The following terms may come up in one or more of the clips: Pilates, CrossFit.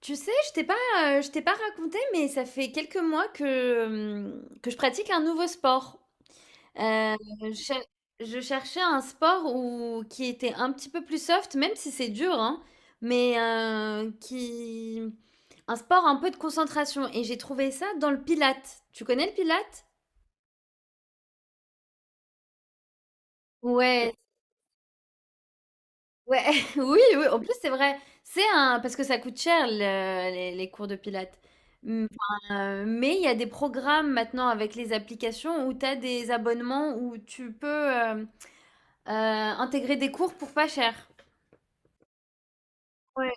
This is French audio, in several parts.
Tu sais, je t'ai pas raconté, mais ça fait quelques mois que je pratique un nouveau sport. Euh, je, cher- je cherchais un sport où, qui était un petit peu plus soft, même si c'est dur, hein, mais qui, un sport un peu de concentration. Et j'ai trouvé ça dans le Pilates. Tu connais le Pilates? Ouais, ouais, oui, oui, en plus, c'est vrai. C'est un parce que ça coûte cher le les cours de pilates. Mmh, enfin, mais il y a des programmes maintenant avec les applications où tu as des abonnements où tu peux, intégrer des cours pour pas cher. Ouais.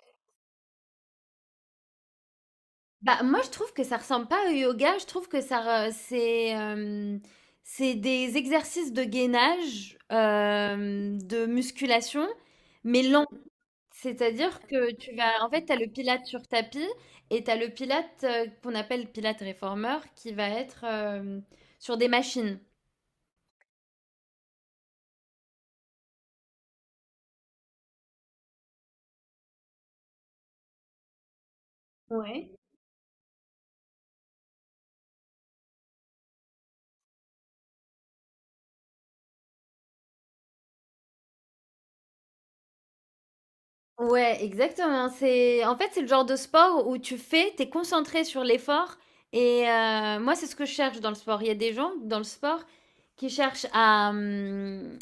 Bah, moi, je trouve que ça ressemble pas au yoga. Je trouve que ça re c'est, hem, c'est des exercices de gainage, de musculation, mais lent. C'est-à-dire que tu vas en fait, tu as le Pilate sur tapis, et tu as le Pilate qu'on appelle Pilate réformeur qui va être, sur des machines. Ouais. Ouais, exactement. C'est en fait, c'est le genre de sport où tu fais, tu es concentré sur l'effort, et moi, c'est ce que je cherche dans le sport. Il y a des gens dans le sport qui cherchent à,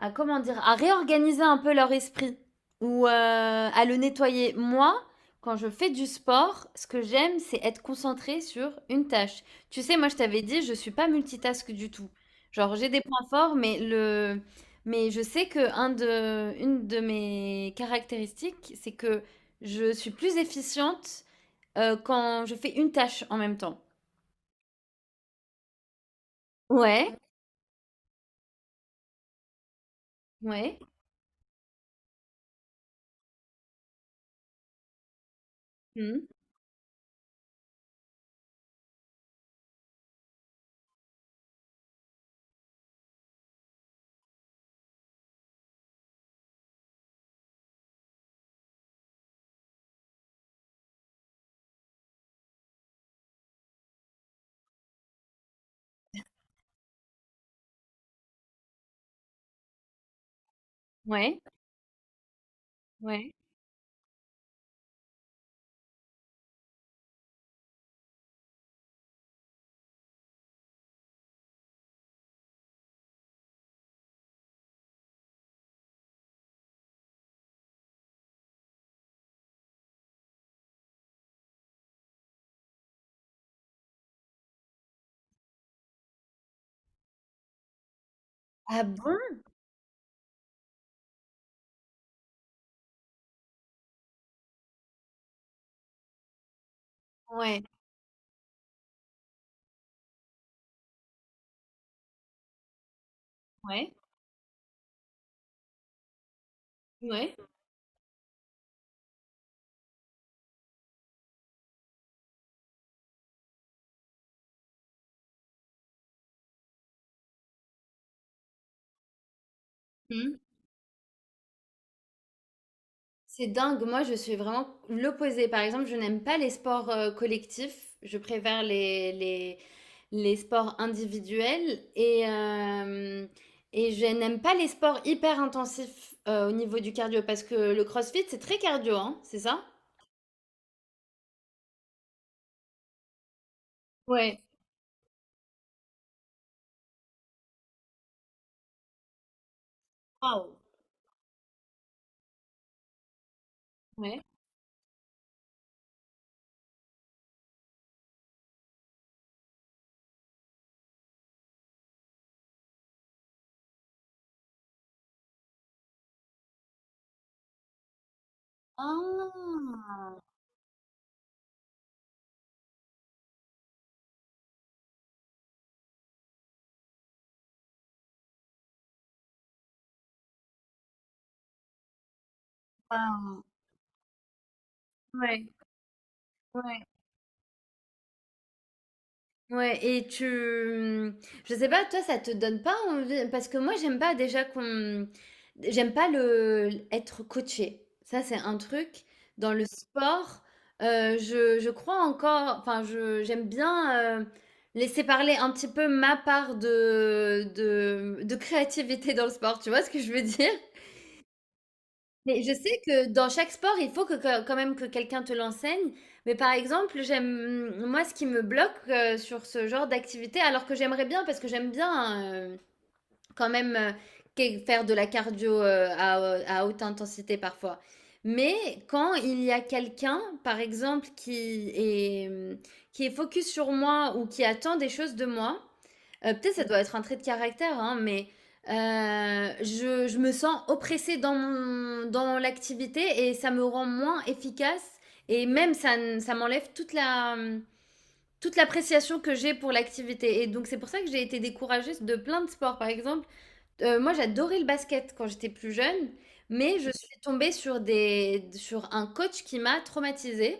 à comment dire, à réorganiser un peu leur esprit ou à le nettoyer. Moi, quand je fais du sport, ce que j'aime, c'est être concentrée sur une tâche. Tu sais, moi, je t'avais dit, je suis pas multitask du tout. Genre, j'ai des points forts, mais le, mais je sais que un de, une de mes caractéristiques, c'est que je suis plus efficiente quand je fais une tâche en même temps. Ouais, ouais, hmm, ouais, ouais. Ah bon? Ouais, ouais, ouais. Hmm. C'est dingue, moi je suis vraiment l'opposé. Par exemple, je n'aime pas les sports collectifs, je préfère les sports individuels et je n'aime pas les sports hyper intensifs au niveau du cardio parce que le CrossFit c'est très cardio, hein, c'est ça? Ouais. Waouh. Ouais. Ah. Waouh. Ouais. Ouais. Ouais et tu je sais pas, toi, ça te donne pas envie parce que moi, j'aime pas déjà qu'on j'aime pas le être coaché. Ça, c'est un truc dans le sport, je crois encore enfin, je j'aime bien, laisser parler un petit peu ma part de de créativité dans le sport, tu vois ce que je veux dire? Mais je sais que dans chaque sport, il faut quand même que quelqu'un te l'enseigne. Mais par exemple, j'aime moi ce qui me bloque sur ce genre d'activité, alors que j'aimerais bien parce que j'aime bien quand même faire de la cardio à haute intensité parfois. Mais quand il y a quelqu'un, par exemple, qui est qui est focus sur moi ou qui attend des choses de moi. Peut-être ça doit être un trait de caractère, hein, mais, je me sens oppressée dans mon dans l'activité et ça me rend moins efficace et même ça m'enlève toute la, toute l'appréciation que j'ai pour l'activité, et donc c'est pour ça que j'ai été découragée de plein de sports. Par exemple, moi, j'adorais le basket quand j'étais plus jeune, mais je suis tombée sur des sur un coach qui m'a traumatisée,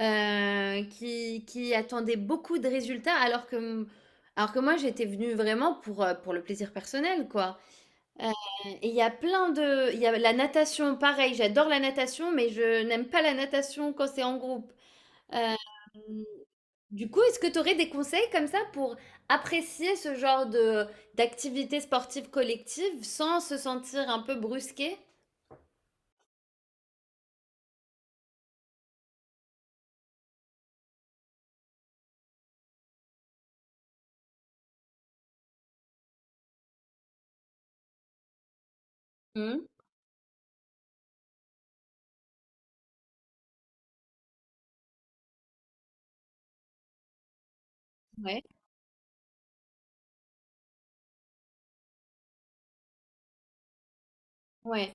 qui attendait beaucoup de résultats alors que moi, j'étais venue vraiment pour le plaisir personnel, quoi. Heu, et il y a plein de il y a la natation, pareil, j'adore la natation, mais je n'aime pas la natation quand c'est en groupe. Hem Du coup, est-ce que tu aurais des conseils comme ça pour apprécier ce genre de d'activité sportive collective sans se sentir un peu brusqué? Mmh, ouais, ouais.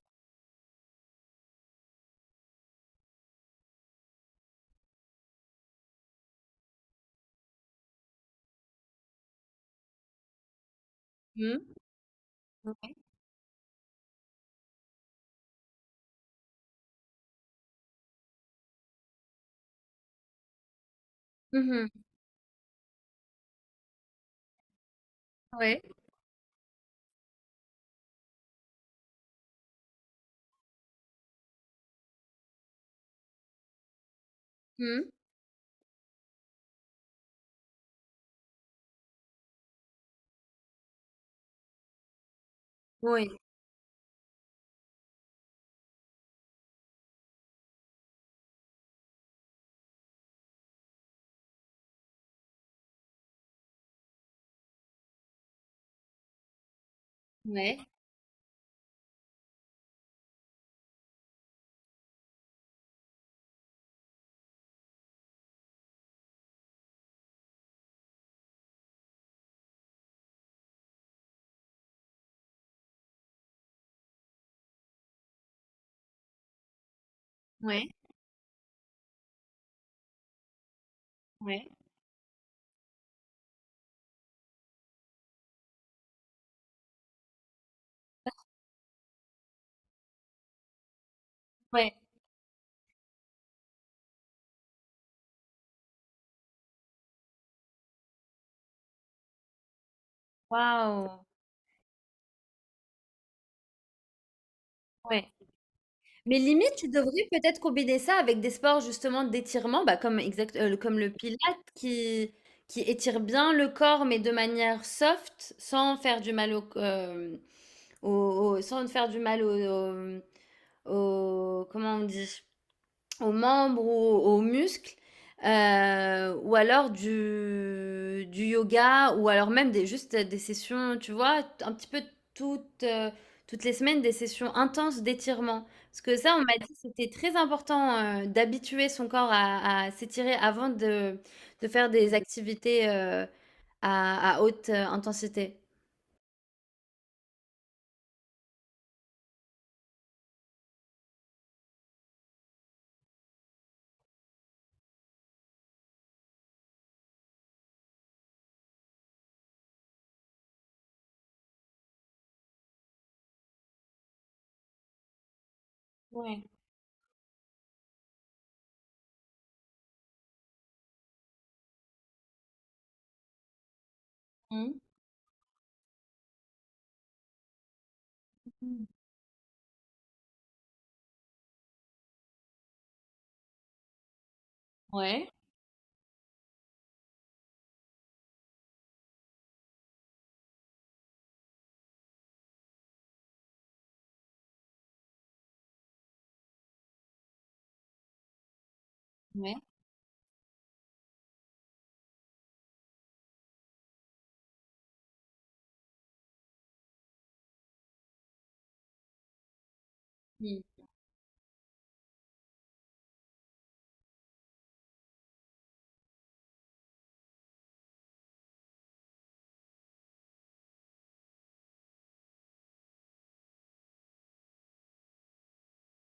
Mmh, ouais. Mmh. Ouais. Mmh. Ouais. Ouais. Ouais. Ouais. Ouais. Waouh! Ouais. Mais limite, tu devrais peut-être combiner ça avec des sports justement d'étirement, bah, comme le pilates qui qui étire bien le corps, mais de manière soft, sans faire du mal au c hem au, au- sans te faire du mal comment on dit, aux membres ou aux muscles, ou alors du yoga, ou alors même des, juste des sessions, tu vois, un petit peu toutes, toutes les semaines, des sessions intenses d'étirement. Parce que ça, on m'a dit, que c'était très important d'habituer son corps à s'étirer avant de faire des activités à haute intensité. Ouais. Mhm. Mhm.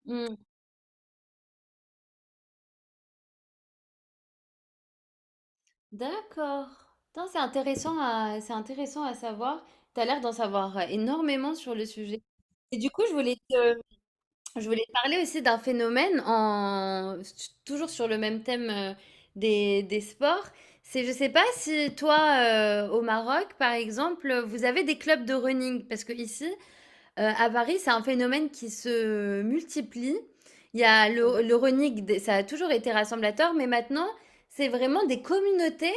Mm. D'accord. Putain, c'est intéressant à, c'est intéressant à savoir. Tu as l'air d'en savoir énormément sur le sujet. Et du coup, je voulais te parler aussi d'un phénomène en, toujours sur le même thème des sports. C'est, je sais pas si toi, au Maroc, par exemple, vous avez des clubs de running. Parce que ici, à Paris, c'est un phénomène qui se multiplie. Il y a le running des ça a toujours été rassemblateur, mais maintenant, c'est vraiment des communautés,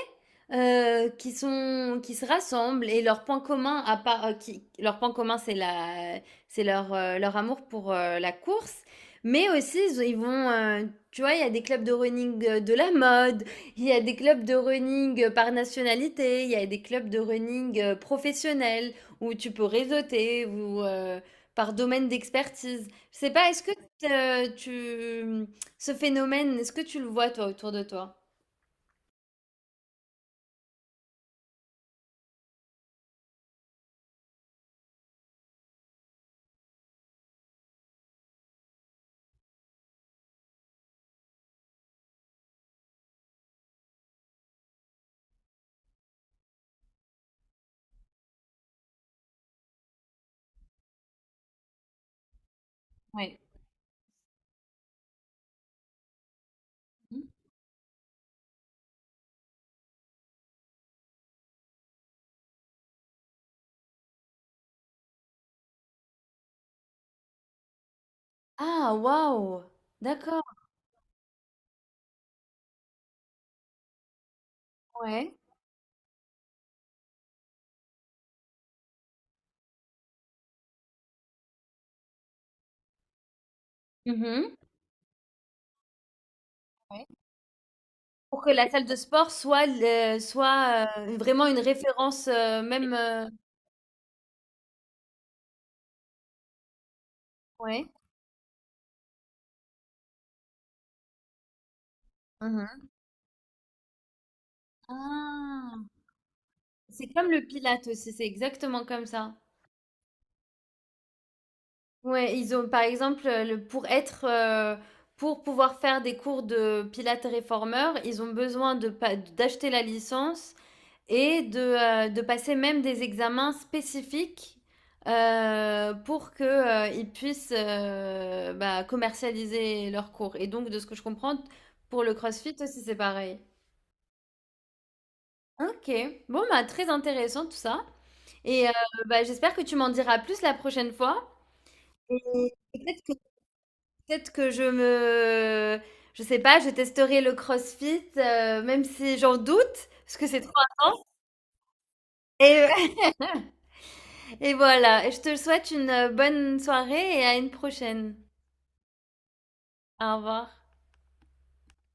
qui sont qui se rassemblent et leur point commun à part, qui leur point commun, c'est la c'est leur, leur amour pour, la course, mais aussi ils vont, tu vois, il y a des clubs de running, de la mode, il y a des clubs de running, par nationalité, il y a des clubs de running, professionnels. Ou tu peux réseauter ou par domaine d'expertise. Je sais pas, est-ce que tu ce phénomène, est-ce que tu le vois toi autour de toi? Ouais. Mhm. Ah, waouh! D'accord, ouais. Mhm. Ouais. Pour que la salle de sport soit vraiment une référence même ouais. Mhm. Ah, c'est comme le Pilate aussi, c'est exactement comme ça. Ouais, ils ont par exemple, le pour être, pour pouvoir faire des cours de pilates réformeur, ils ont besoin de pa d'acheter la licence et de passer même des examens spécifiques, pour que, ils puissent, bah, commercialiser leurs cours et donc de ce que je comprends, pour le CrossFit aussi, c'est pareil. OK. Bon, bah, très intéressant tout ça et bah, j'espère que tu m'en diras plus la prochaine fois et peut-être peut-être que je sais pas, je testerai le CrossFit, même si j'en doute, parce que c'est trop intense et et voilà et je te souhaite une, bonne soirée et à une prochaine. Au revoir.